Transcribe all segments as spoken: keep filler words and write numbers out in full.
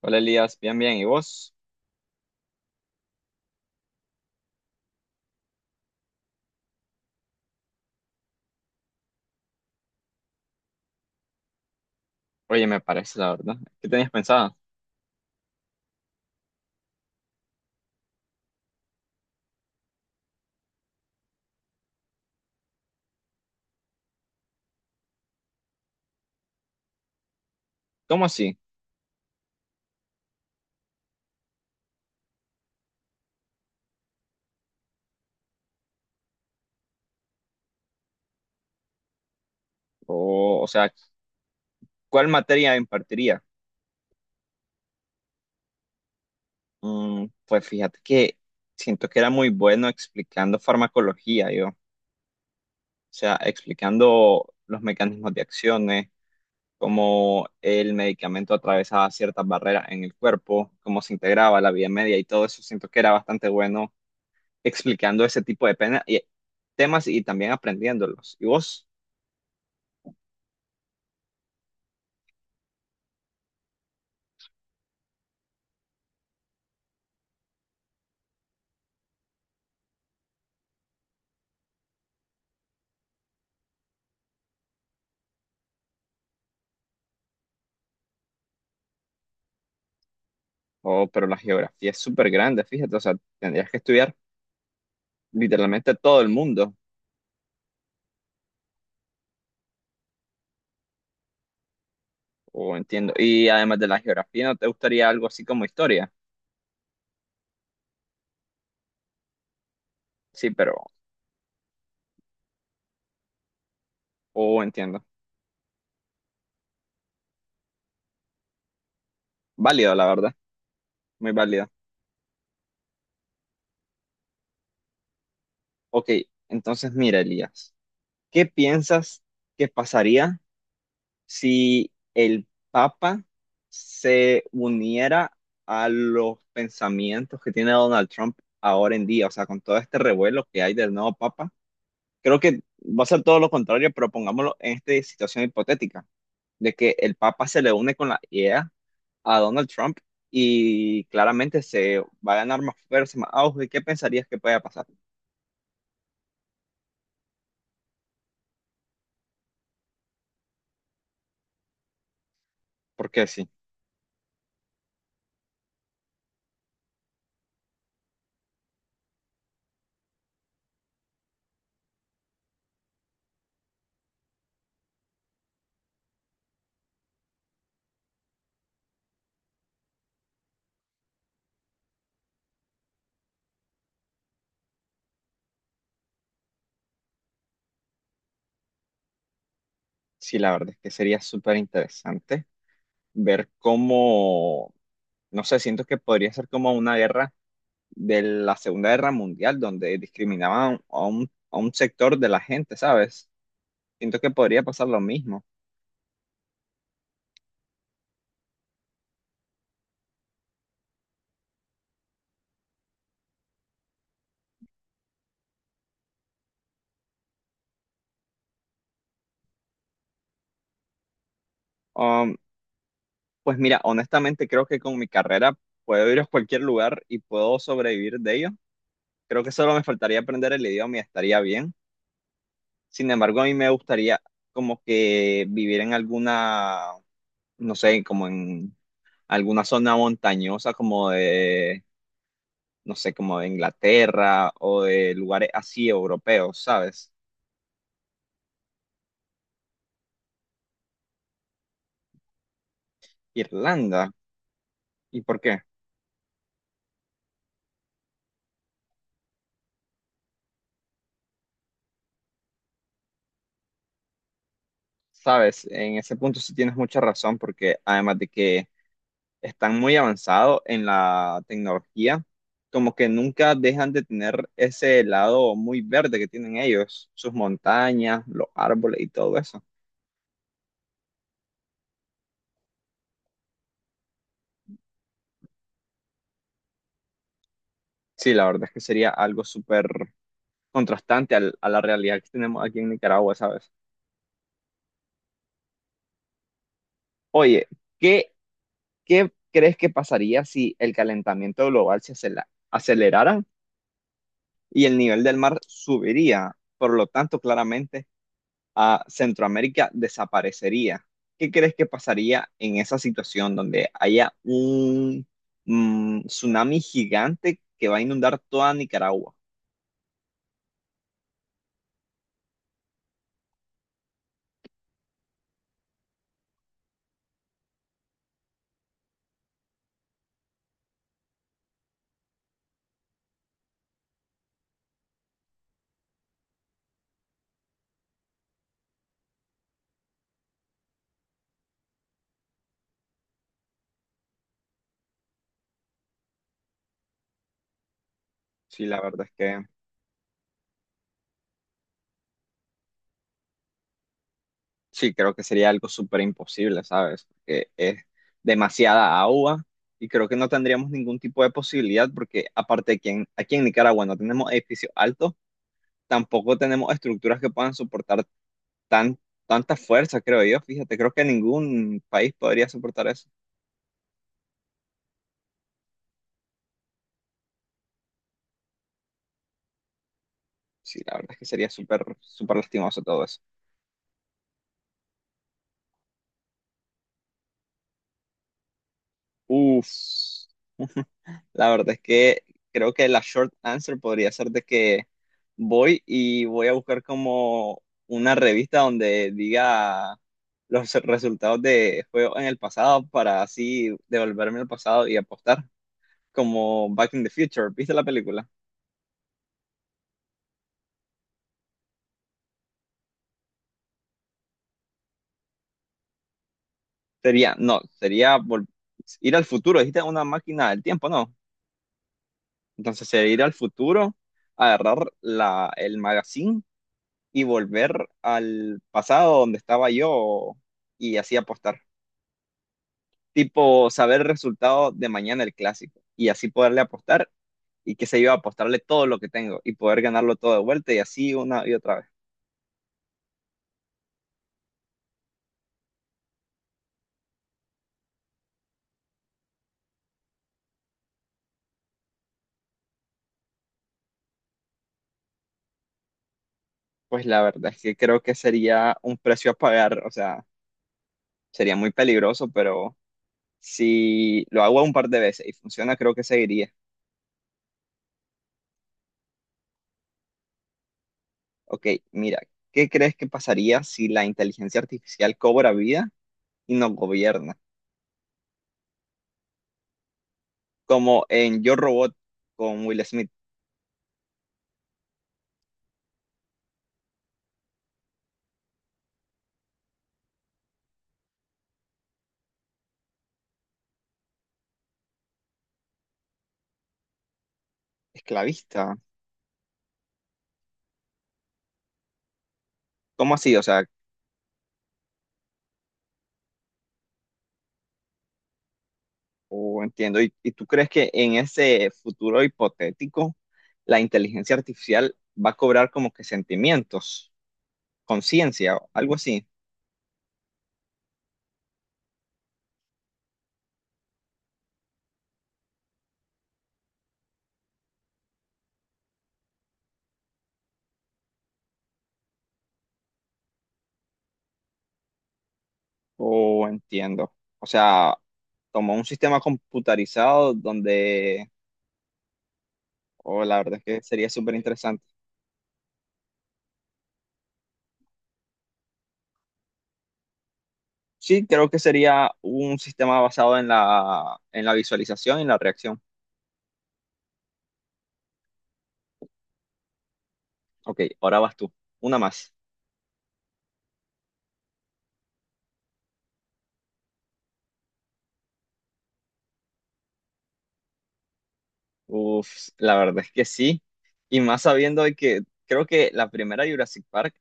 Hola Elías, bien, bien. ¿Y vos? Oye, me parece la verdad. ¿Qué tenías pensado? ¿Cómo así? O, o sea, ¿cuál materia impartiría? Mm, pues fíjate que siento que era muy bueno explicando farmacología, yo. O sea, explicando los mecanismos de acciones, cómo el medicamento atravesaba ciertas barreras en el cuerpo, cómo se integraba la vía media y todo eso. Siento que era bastante bueno explicando ese tipo de pena y, temas y también aprendiéndolos. ¿Y vos? Oh, pero la geografía es súper grande, fíjate, o sea, tendrías que estudiar literalmente todo el mundo, o entiendo. Y además de la geografía, ¿no te gustaría algo así como historia? Sí, pero, oh, entiendo. Válido, la verdad, muy válido. Ok, entonces mira, Elías, ¿qué piensas que pasaría si el Papa se uniera a los pensamientos que tiene Donald Trump ahora en día? O sea, con todo este revuelo que hay del nuevo Papa. Creo que va a ser todo lo contrario, pero pongámoslo en esta situación hipotética, de que el Papa se le une con la idea a Donald Trump y claramente se va a ganar más fuerza, más auge. ¿Qué pensarías que pueda pasar? Porque sí, sí, la verdad es que sería súper interesante ver cómo, no sé, siento que podría ser como una guerra de la Segunda Guerra Mundial, donde discriminaban a un, a un sector de la gente, ¿sabes? Siento que podría pasar lo mismo. Um, Pues mira, honestamente creo que con mi carrera puedo ir a cualquier lugar y puedo sobrevivir de ello. Creo que solo me faltaría aprender el idioma y estaría bien. Sin embargo, a mí me gustaría como que vivir en alguna, no sé, como en alguna zona montañosa, como de, no sé, como de Inglaterra o de lugares así europeos, ¿sabes? Irlanda. ¿Y por qué? ¿Sabes? En ese punto sí tienes mucha razón, porque además de que están muy avanzados en la tecnología, como que nunca dejan de tener ese lado muy verde que tienen ellos, sus montañas, los árboles y todo eso. Sí, la verdad es que sería algo súper contrastante al- a la realidad que tenemos aquí en Nicaragua, ¿sabes? Oye, ¿qué, ¿qué crees que pasaría si el calentamiento global se acela- acelerara y el nivel del mar subiría? Por lo tanto, claramente a Centroamérica desaparecería. ¿Qué crees que pasaría en esa situación donde haya un mm, tsunami gigante que va a inundar toda Nicaragua? Sí, la verdad es que sí, creo que sería algo súper imposible, ¿sabes? Porque es demasiada agua y creo que no tendríamos ningún tipo de posibilidad porque aparte de que en- aquí en Nicaragua no tenemos edificios altos, tampoco tenemos estructuras que puedan soportar tan, tanta fuerza, creo yo. Fíjate, creo que ningún país podría soportar eso. Sí, la verdad es que sería súper, súper lastimoso todo eso. Uf, la verdad es que creo que la short answer podría ser de que voy y voy a buscar como una revista donde diga los resultados de juegos en el pasado para así devolverme al pasado y apostar, como Back in the Future. ¿Viste la película? Sería, no, sería vol- ir al futuro. Dijiste una máquina del tiempo, ¿no? Entonces sería ir al futuro, agarrar la, el magazine y volver al pasado donde estaba yo y así apostar. Tipo, saber el resultado de mañana el clásico y así poderle apostar y qué sé yo, apostarle todo lo que tengo y poder ganarlo todo de vuelta y así una y otra vez. Pues la verdad es que creo que sería un precio a pagar, o sea, sería muy peligroso, pero si lo hago un par de veces y funciona, creo que seguiría. Ok, mira, ¿qué crees que pasaría si la inteligencia artificial cobra vida y nos gobierna? Como en Yo Robot con Will Smith, esclavista. ¿Cómo así? O sea, oh, entiendo. ¿Y, ¿y tú crees que en ese futuro hipotético la inteligencia artificial va a cobrar como que sentimientos, conciencia, o algo así? O entiendo. O sea, como un sistema computarizado donde, o la verdad es que sería súper interesante. Sí, creo que sería un sistema basado en la, en la visualización y en la reacción. Ok, ahora vas tú. Una más. Uf, la verdad es que sí. Y más sabiendo de que creo que la primera Jurassic Park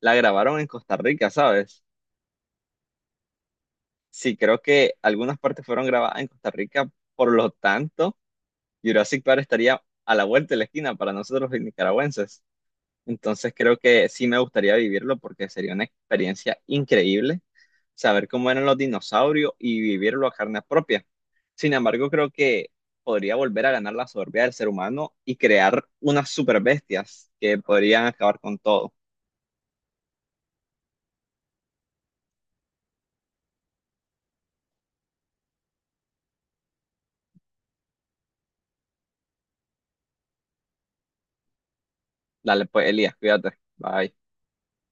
la grabaron en Costa Rica, ¿sabes? Sí, creo que algunas partes fueron grabadas en Costa Rica, por lo tanto, Jurassic Park estaría a la vuelta de la esquina para nosotros los nicaragüenses. Entonces creo que sí me gustaría vivirlo porque sería una experiencia increíble. Saber cómo eran los dinosaurios y vivirlo a carne propia. Sin embargo, creo que podría volver a ganar la soberbia del ser humano y crear unas super bestias que podrían acabar con todo. Dale, pues, Elías, cuídate. Bye.